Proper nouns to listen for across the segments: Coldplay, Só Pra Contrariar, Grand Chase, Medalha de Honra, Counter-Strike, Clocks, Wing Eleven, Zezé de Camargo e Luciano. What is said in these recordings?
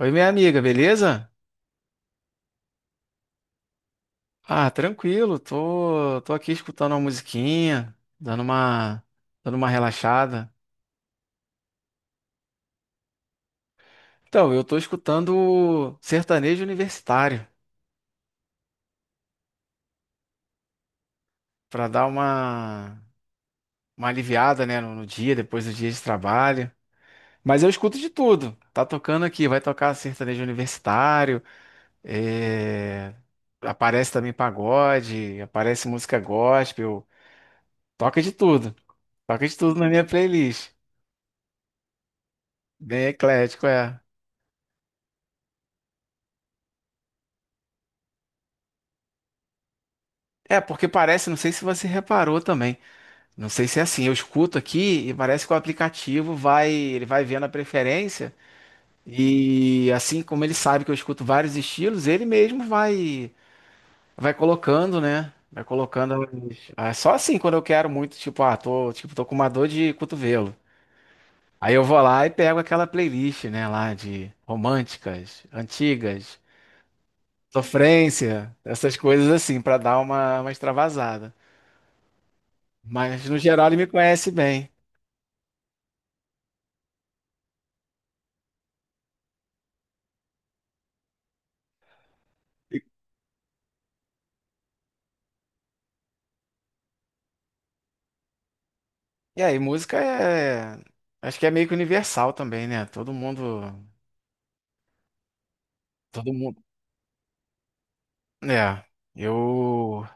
Oi, minha amiga, beleza? Ah, tranquilo, tô aqui escutando uma musiquinha, dando uma relaxada. Então, eu tô escutando sertanejo universitário, pra dar uma aliviada, né, no dia, depois do dia de trabalho. Mas eu escuto de tudo, tá tocando aqui, vai tocar sertanejo universitário, é, aparece também pagode, aparece música gospel, toca de tudo, toca de tudo na minha playlist. Bem eclético, é. É, porque parece, não sei se você reparou também. Não sei se é assim, eu escuto aqui e parece que o aplicativo vai, ele vai vendo a preferência e assim como ele sabe que eu escuto vários estilos, ele mesmo vai colocando, né? Vai colocando só assim quando eu quero muito, tipo, ah, tô, tipo, tô com uma dor de cotovelo. Aí eu vou lá e pego aquela playlist, né, lá de românticas, antigas, sofrência, essas coisas assim, pra dar uma extravasada. Mas no geral ele me conhece bem. E e aí, música é. Acho que é meio que universal também, né? Todo mundo. Todo mundo. É. Eu.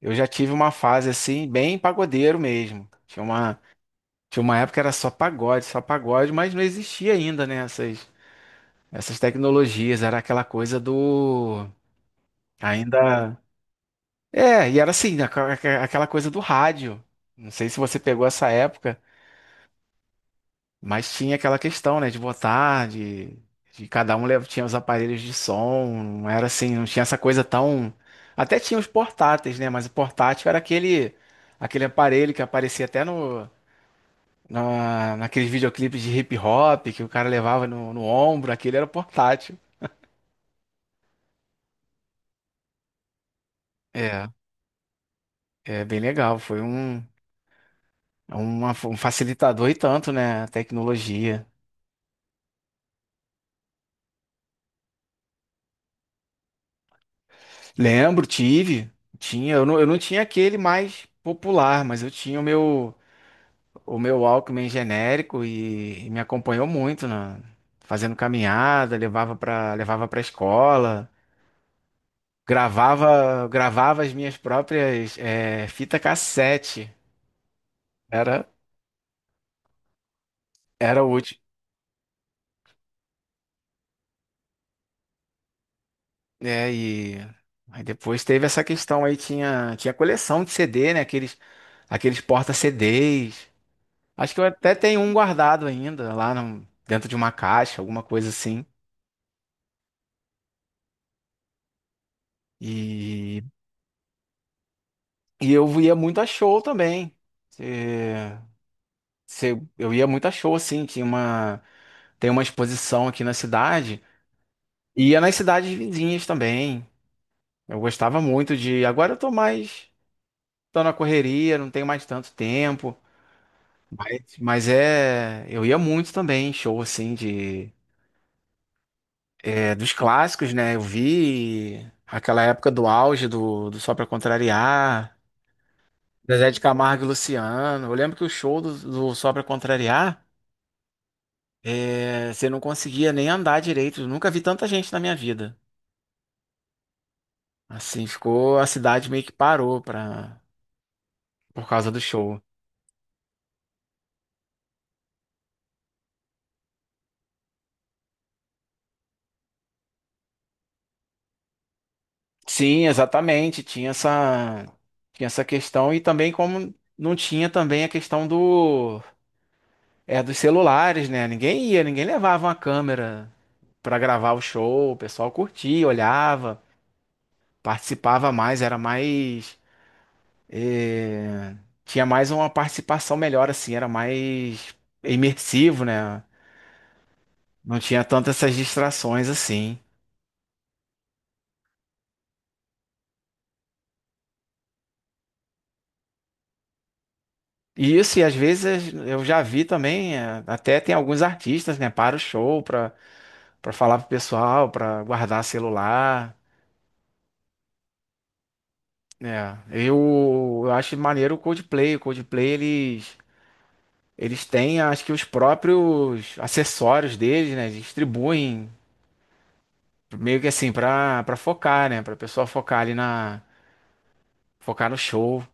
Eu já tive uma fase assim, bem pagodeiro mesmo. Tinha uma época que era só pagode, mas não existia ainda, né? Essas, essas tecnologias. Era aquela coisa do. Ainda. É, e era assim, aquela coisa do rádio. Não sei se você pegou essa época. Mas tinha aquela questão, né, de cada tinha os aparelhos de som, não era assim, não tinha essa coisa tão. Até tinha os portáteis, né, mas o portátil era aquele aparelho que aparecia até no, na, naqueles videoclipes de hip hop que o cara levava no ombro, aquele era o portátil. É, é bem legal, foi um facilitador e tanto, né, a tecnologia. Lembro, eu não tinha aquele mais popular, mas eu tinha o meu. O meu Walkman genérico e me acompanhou muito na fazendo caminhada, levava para escola, gravava as minhas próprias fita cassete. Era Era útil, né? E aí depois teve essa questão aí tinha coleção de CD, né? Aqueles porta-CDs. Acho que eu até tenho um guardado ainda lá no- dentro de uma caixa, alguma coisa assim. E, e eu ia muito a show também. É, eu ia muito a show, assim, tem uma exposição aqui na cidade, e ia nas cidades vizinhas também. Eu gostava muito de. Agora eu tô mais, Tô na correria, não tenho mais tanto tempo. Mas é, eu ia muito também, em show assim dos clássicos, né? Eu vi aquela época do auge do Só Pra Contrariar, Zezé de Camargo e Luciano. Eu lembro que o show do Só Pra Contrariar, é, você não conseguia nem andar direito. Eu nunca vi tanta gente na minha vida. Assim, ficou, a cidade meio que parou por causa do show. Sim, exatamente, tinha essa questão e também como não tinha também a questão dos celulares, né? Ninguém ia, ninguém levava uma câmera pra gravar o show, o pessoal curtia, olhava, participava mais, eh, tinha mais uma participação melhor assim, era mais imersivo, né? Não tinha tantas essas distrações assim. E isso, e às vezes eu já vi também, é, até tem alguns artistas, né, para o show, para falar pro pessoal, para guardar celular, né? Eu acho maneiro o Coldplay eles têm, acho que os próprios acessórios deles, né, eles distribuem meio que assim para focar, né, para pessoa focar ali na focar no show.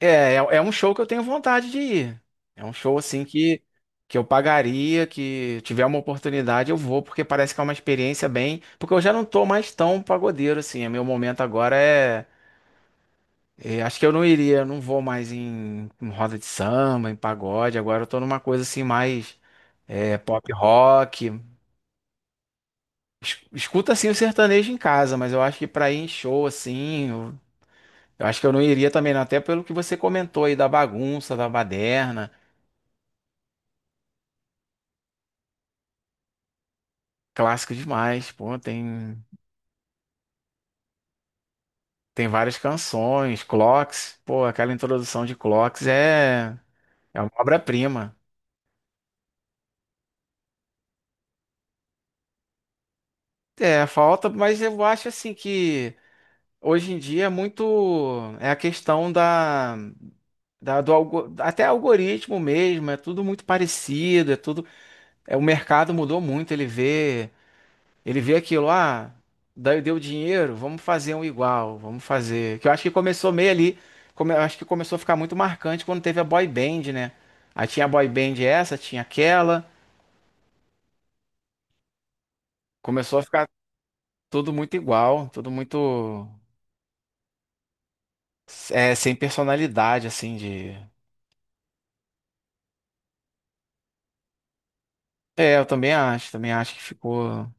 É, é um show que eu tenho vontade de ir. É um show que eu pagaria, que tiver uma oportunidade eu vou, porque parece que é uma experiência bem. Porque eu já não tô mais tão pagodeiro assim. O meu momento agora é. É, acho que eu não iria, eu não vou mais em, em roda de samba, em pagode. Agora eu tô numa coisa assim mais pop rock. Escuta assim o sertanejo em casa, mas eu acho que pra ir em show assim, eu acho que eu não iria também, não, até pelo que você comentou aí da bagunça, da baderna. Clássico demais, pô, tem várias canções, Clocks, pô, aquela introdução de Clocks é uma obra-prima. É, falta, mas eu acho assim que hoje em dia é é a questão até algoritmo mesmo, é tudo muito parecido, é o mercado mudou muito, ele vê. Ele vê aquilo, ah, daí deu dinheiro, vamos fazer um igual, vamos fazer. Que eu acho que começou meio ali, eu acho que começou a ficar muito marcante quando teve a boy band, né? Aí tinha a boy band essa, tinha aquela, começou a ficar tudo muito igual, tudo muito sem personalidade, assim, de... É, eu também acho que ficou...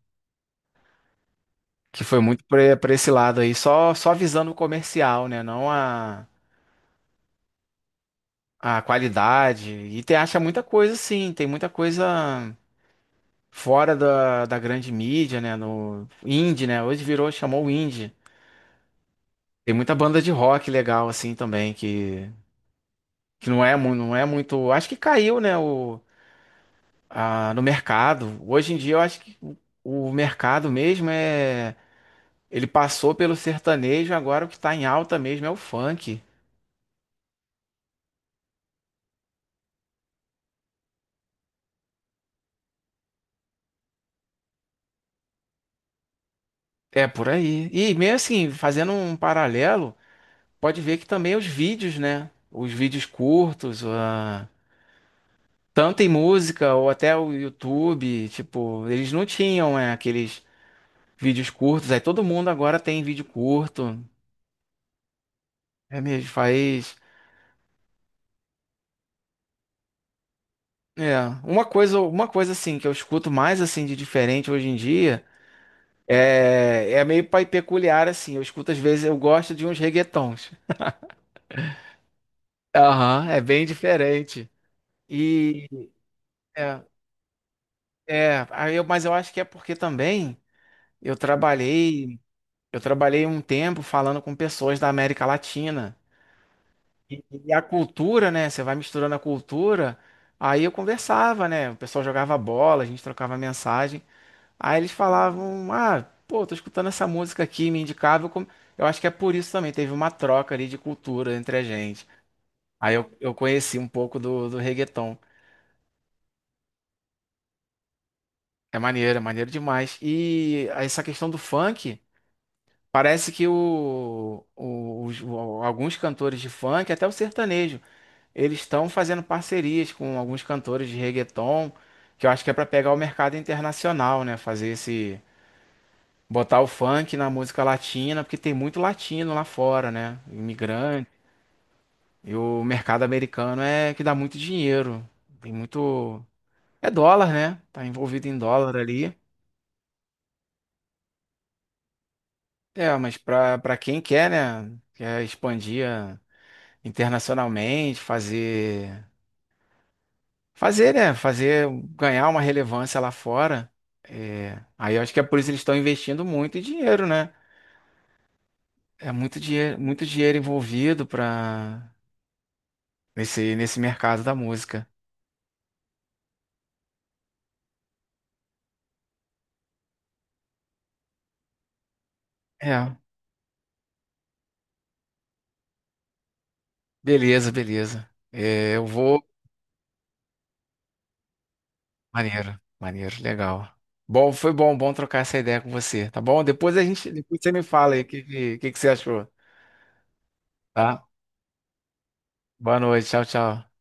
Que foi muito pra esse lado aí, só visando o comercial, né? Não a, a qualidade. E tem, acha muita coisa, sim, tem muita coisa da grande mídia, né? No indie, né? Hoje virou, chamou o indie. Tem muita banda de rock legal assim também que não é, não é muito, acho que caiu, no mercado. Hoje em dia eu acho que o mercado mesmo é ele passou pelo sertanejo, agora o que tá em alta mesmo é o funk. É por aí. E meio assim, fazendo um paralelo, pode ver que também os vídeos, né? Os vídeos curtos. Tanto em música ou até o YouTube, tipo, eles não tinham, é, aqueles vídeos curtos. Aí todo mundo agora tem vídeo curto. É mesmo, faz. É, uma coisa assim que eu escuto mais assim de diferente hoje em dia é meio peculiar assim. Eu escuto às vezes, eu gosto de uns reggaetons. Aham, é bem diferente. E é, mas eu acho que é porque também eu trabalhei, eu trabalhei um tempo falando com pessoas da América Latina. E a cultura, né? Você vai misturando a cultura. Aí eu conversava, né? O pessoal jogava bola, a gente trocava mensagem. Aí eles falavam: Ah, pô, tô escutando essa música aqui, me indicava. Eu acho que é por isso também, teve uma troca ali de cultura entre a gente. Eu conheci um pouco do reggaeton. É maneiro demais. E essa questão do funk, parece que alguns cantores de funk, até o sertanejo. Eles estão fazendo parcerias com alguns cantores de reggaeton, que eu acho que é para pegar o mercado internacional, né? Botar o funk na música latina, porque tem muito latino lá fora, né? Imigrante. E o mercado americano é que dá muito dinheiro. Tem muito, É dólar, né? Tá envolvido em dólar ali. É, mas para quem quer, né? Quer expandir ah, internacionalmente, fazer Fazer, né? Fazer, ganhar uma relevância lá fora. É, aí eu acho que é por isso que eles estão investindo muito dinheiro, né? É muito dinheiro envolvido para nesse, nesse mercado da música. É, beleza, beleza. É, eu vou. Maneiro, maneiro, legal. Bom, foi bom, bom trocar essa ideia com você, tá bom? Depois a gente, depois você me fala aí o que, que você achou, tá? Boa noite, tchau, tchau.